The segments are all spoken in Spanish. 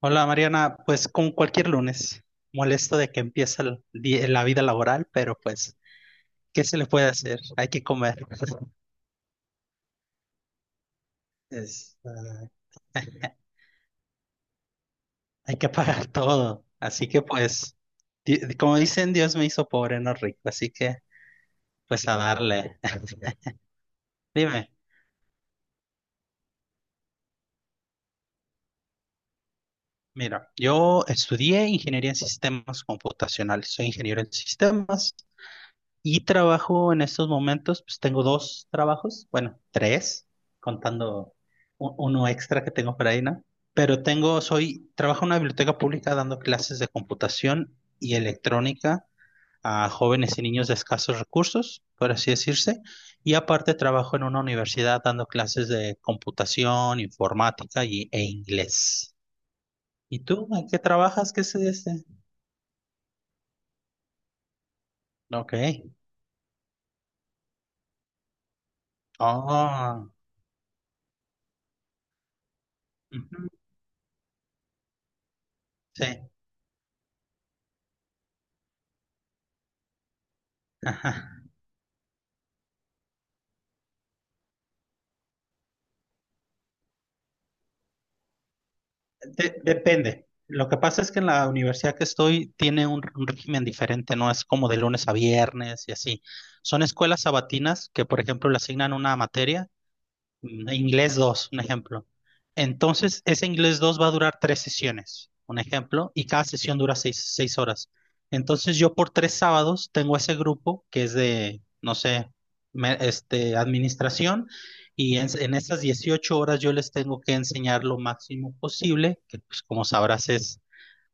Hola Mariana, pues como cualquier lunes, molesto de que empieza la vida laboral, pero pues, ¿qué se le puede hacer? Hay que comer. Es, ah, hay que pagar todo, así que pues, como dicen, Dios me hizo pobre, no rico, así que pues a darle. Dime, mira, yo estudié ingeniería en sistemas computacionales, soy ingeniero en sistemas. Y trabajo en estos momentos, pues tengo dos trabajos, bueno, tres, contando uno extra que tengo por ahí, ¿no? Pero trabajo en una biblioteca pública dando clases de computación y electrónica a jóvenes y niños de escasos recursos, por así decirse. Y aparte trabajo en una universidad dando clases de computación, informática e inglés. ¿Y tú? ¿En qué trabajas? ¿Qué es este? Ok. Oh. Ujú. Sí. Depende. Lo que pasa es que en la universidad que estoy tiene un régimen diferente, no es como de lunes a viernes y así. Son escuelas sabatinas que, por ejemplo, le asignan una materia, inglés 2, un ejemplo. Entonces, ese inglés 2 va a durar tres sesiones, un ejemplo, y cada sesión dura seis horas. Entonces, yo por tres sábados tengo ese grupo que es de, no sé, administración, y en esas 18 horas yo les tengo que enseñar lo máximo posible, que pues como sabrás es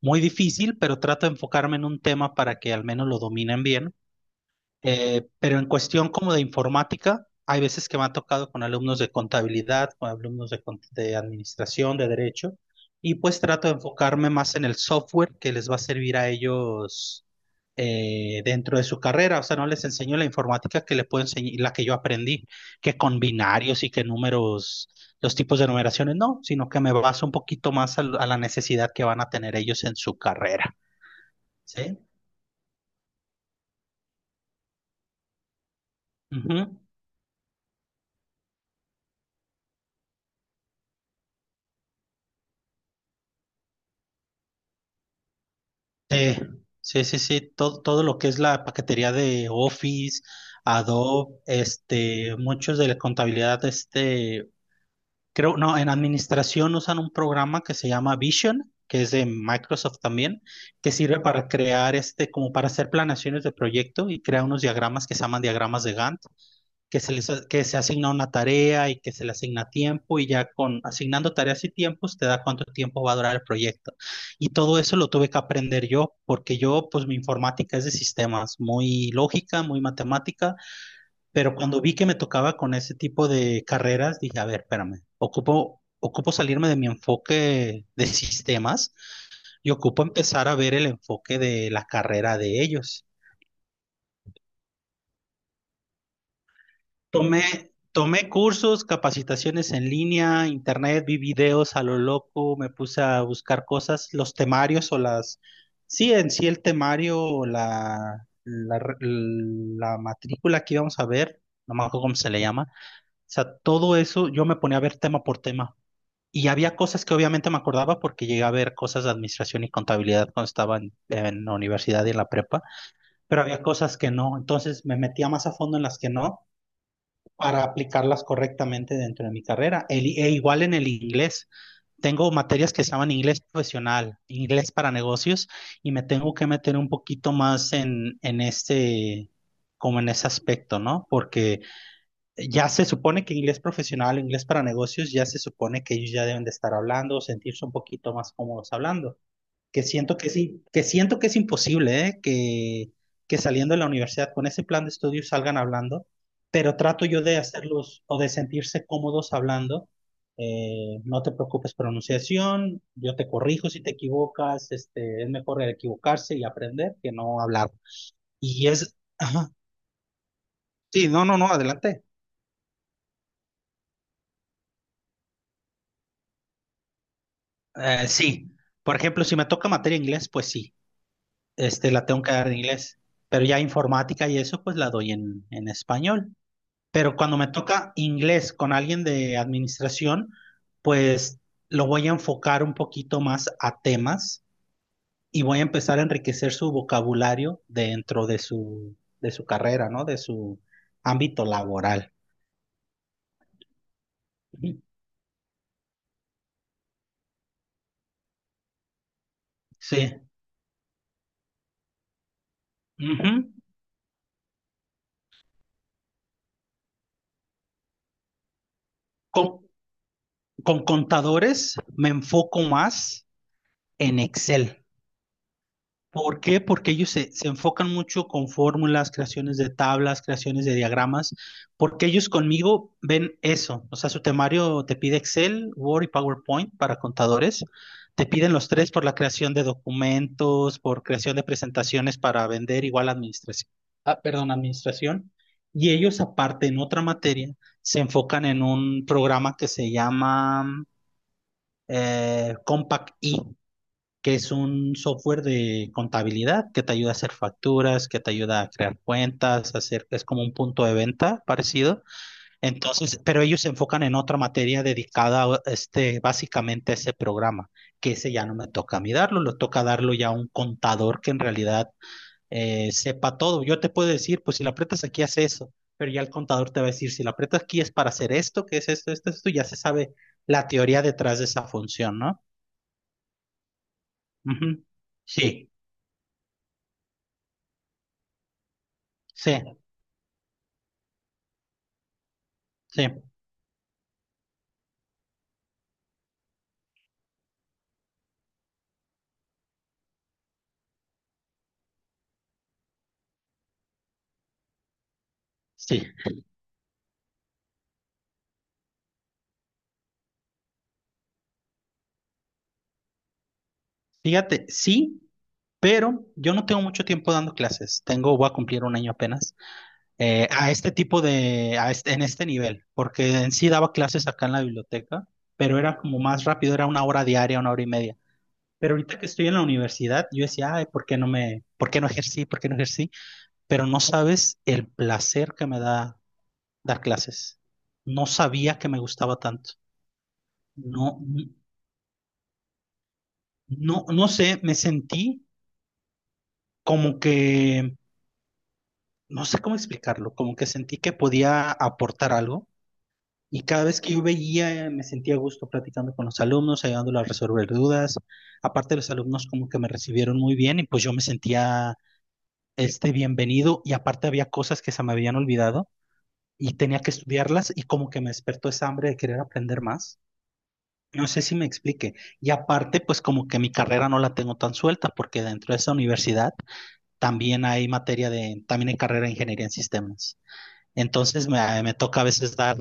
muy difícil, pero trato de enfocarme en un tema para que al menos lo dominen bien. Pero en cuestión como de informática, hay veces que me ha tocado con alumnos de contabilidad, con alumnos de administración, de derecho, y pues trato de enfocarme más en el software que les va a servir a ellos, dentro de su carrera. O sea, no les enseño la informática que les puedo enseñar, la que yo aprendí, que con binarios y que números, los tipos de numeraciones, no, sino que me baso un poquito más a la necesidad que van a tener ellos en su carrera. ¿Sí? Ujú. Sí, sí, sí, sí, todo, todo lo que es la paquetería de Office, Adobe, este, muchos de la contabilidad, este, creo, no, en administración usan un programa que se llama Vision, que es de Microsoft también, que sirve para crear, este, como para hacer planeaciones de proyecto y crea unos diagramas que se llaman diagramas de Gantt, que se les, que se asigna una tarea y que se le asigna tiempo y ya con asignando tareas y tiempos te da cuánto tiempo va a durar el proyecto. Y todo eso lo tuve que aprender yo porque yo, pues mi informática es de sistemas, muy lógica, muy matemática, pero cuando vi que me tocaba con ese tipo de carreras, dije, a ver, espérame, ocupo... Ocupo salirme de mi enfoque de sistemas y ocupo empezar a ver el enfoque de la carrera de ellos. Tomé cursos, capacitaciones en línea, internet, vi videos a lo loco, me puse a buscar cosas, los temarios o las, sí, en sí el temario o la matrícula que íbamos a ver, no me acuerdo cómo se le llama, o sea, todo eso yo me ponía a ver tema por tema. Y había cosas que obviamente me acordaba porque llegué a ver cosas de administración y contabilidad cuando estaba en la universidad y en la prepa, pero había cosas que no, entonces me metía más a fondo en las que no para aplicarlas correctamente dentro de mi carrera. E igual en el inglés. Tengo materias que se llaman inglés profesional, inglés para negocios, y me tengo que meter un poquito más en este, como en ese aspecto, ¿no? Porque ya se supone que inglés profesional, inglés para negocios, ya se supone que ellos ya deben de estar hablando, sentirse un poquito más cómodos hablando, que siento que sí, que siento que es imposible, ¿eh? Que saliendo de la universidad con ese plan de estudios salgan hablando, pero trato yo de hacerlos o de sentirse cómodos hablando. No te preocupes pronunciación, yo te corrijo si te equivocas, este, es mejor equivocarse y aprender que no hablar. Ajá, sí, no, no, no, adelante. Sí, por ejemplo, si me toca materia inglés, pues sí, este, la tengo que dar en inglés, pero ya informática y eso, pues la doy en español. Pero cuando me toca inglés con alguien de administración, pues lo voy a enfocar un poquito más a temas y voy a empezar a enriquecer su vocabulario dentro de su carrera, ¿no? De su ámbito laboral. Ujú. Sí. Ujú. Con, con contadores me enfoco más en Excel. ¿Por qué? Porque ellos se enfocan mucho con fórmulas, creaciones de tablas, creaciones de diagramas, porque ellos conmigo ven eso. O sea, su temario te pide Excel, Word y PowerPoint para contadores. Te piden los tres por la creación de documentos, por creación de presentaciones para vender, igual administración. Ah, perdón, administración. Y ellos, aparte, en otra materia, se enfocan en un programa que se llama, Compact E, que es un software de contabilidad que te ayuda a hacer facturas, que te ayuda a crear cuentas, a hacer, es como un punto de venta parecido. Entonces, pero ellos se enfocan en otra materia dedicada a este, básicamente a ese programa, que ese ya no me toca a mí darlo, lo toca darlo ya a un contador que en realidad, sepa todo. Yo te puedo decir, pues si la aprietas aquí, hace eso. Pero ya el contador te va a decir, si la aprietas aquí es para hacer esto, que es esto, esto, esto, ya se sabe la teoría detrás de esa función, ¿no? Ujú. Sí, sí. Sí, sí. Fíjate, sí, pero yo no tengo mucho tiempo dando clases. Tengo, voy a cumplir un año apenas, a este tipo de, a este- en este nivel, porque en sí daba clases acá en la biblioteca, pero era como más rápido, era una hora diaria, una hora y media. Pero ahorita que estoy en la universidad, yo decía, ay, ¿por qué no me, por qué no ejercí, por qué no ejercí? Pero no sabes el placer que me da dar clases. No sabía que me gustaba tanto. No, no, no sé, me sentí como que no sé cómo explicarlo, como que sentí que podía aportar algo y cada vez que yo veía, me sentía a gusto platicando con los alumnos, ayudándolos a resolver dudas. Aparte los alumnos como que me recibieron muy bien y pues yo me sentía este bienvenido y aparte había cosas que se me habían olvidado y tenía que estudiarlas y como que me despertó esa hambre de querer aprender más. No sé si me explique. Y aparte, pues como que mi carrera no la tengo tan suelta porque dentro de esa universidad también hay materia de, también hay carrera de ingeniería en sistemas. Entonces me toca a veces dar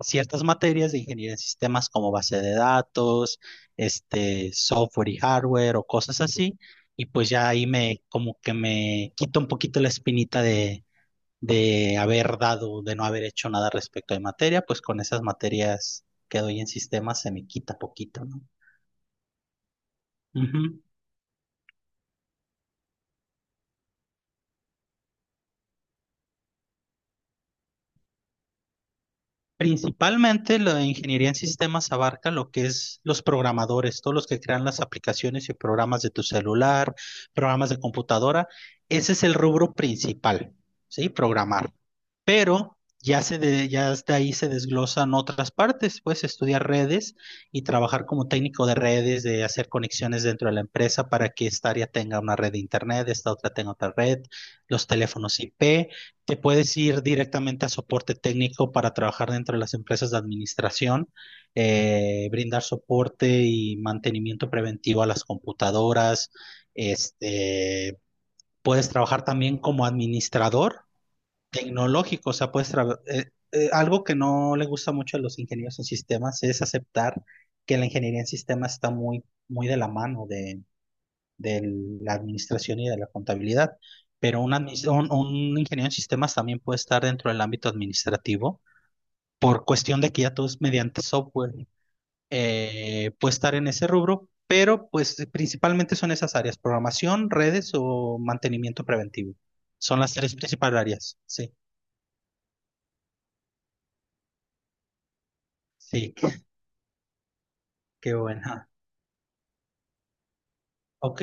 ciertas materias de ingeniería en sistemas como base de datos, este, software y hardware o cosas así. Y pues ya ahí me como que me quito un poquito la espinita de haber dado, de no haber hecho nada respecto de materia, pues con esas materias que doy en sistemas se me quita poquito, ¿no? Ujú. Principalmente la ingeniería en sistemas abarca lo que es los programadores, todos los que crean las aplicaciones y programas de tu celular, programas de computadora. Ese es el rubro principal, ¿sí? Programar. Pero ya de ahí se desglosan otras partes. Puedes estudiar redes y trabajar como técnico de redes, de hacer conexiones dentro de la empresa para que esta área tenga una red de internet, esta otra tenga otra red, los teléfonos IP. Te puedes ir directamente a soporte técnico para trabajar dentro de las empresas de administración, brindar soporte y mantenimiento preventivo a las computadoras. Este, puedes trabajar también como administrador tecnológico, o sea, algo que no le gusta mucho a los ingenieros en sistemas es aceptar que la ingeniería en sistemas está muy, muy de la mano de la administración y de la contabilidad, pero un ingeniero en sistemas también puede estar dentro del ámbito administrativo por cuestión de que ya todo es mediante software. Puede estar en ese rubro, pero pues principalmente son esas áreas, programación, redes o mantenimiento preventivo. Son las tres principales áreas. Sí, sí, qué, buena. Ok,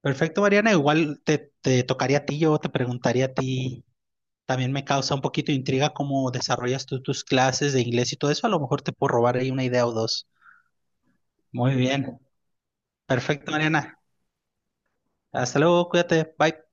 perfecto, Mariana. Igual te tocaría a ti, yo te preguntaría a ti. También me causa un poquito de intriga cómo desarrollas tú tus clases de inglés y todo eso. A lo mejor te puedo robar ahí una idea o dos. Muy bien. Perfecto, Mariana. Hasta luego, cuídate. Bye.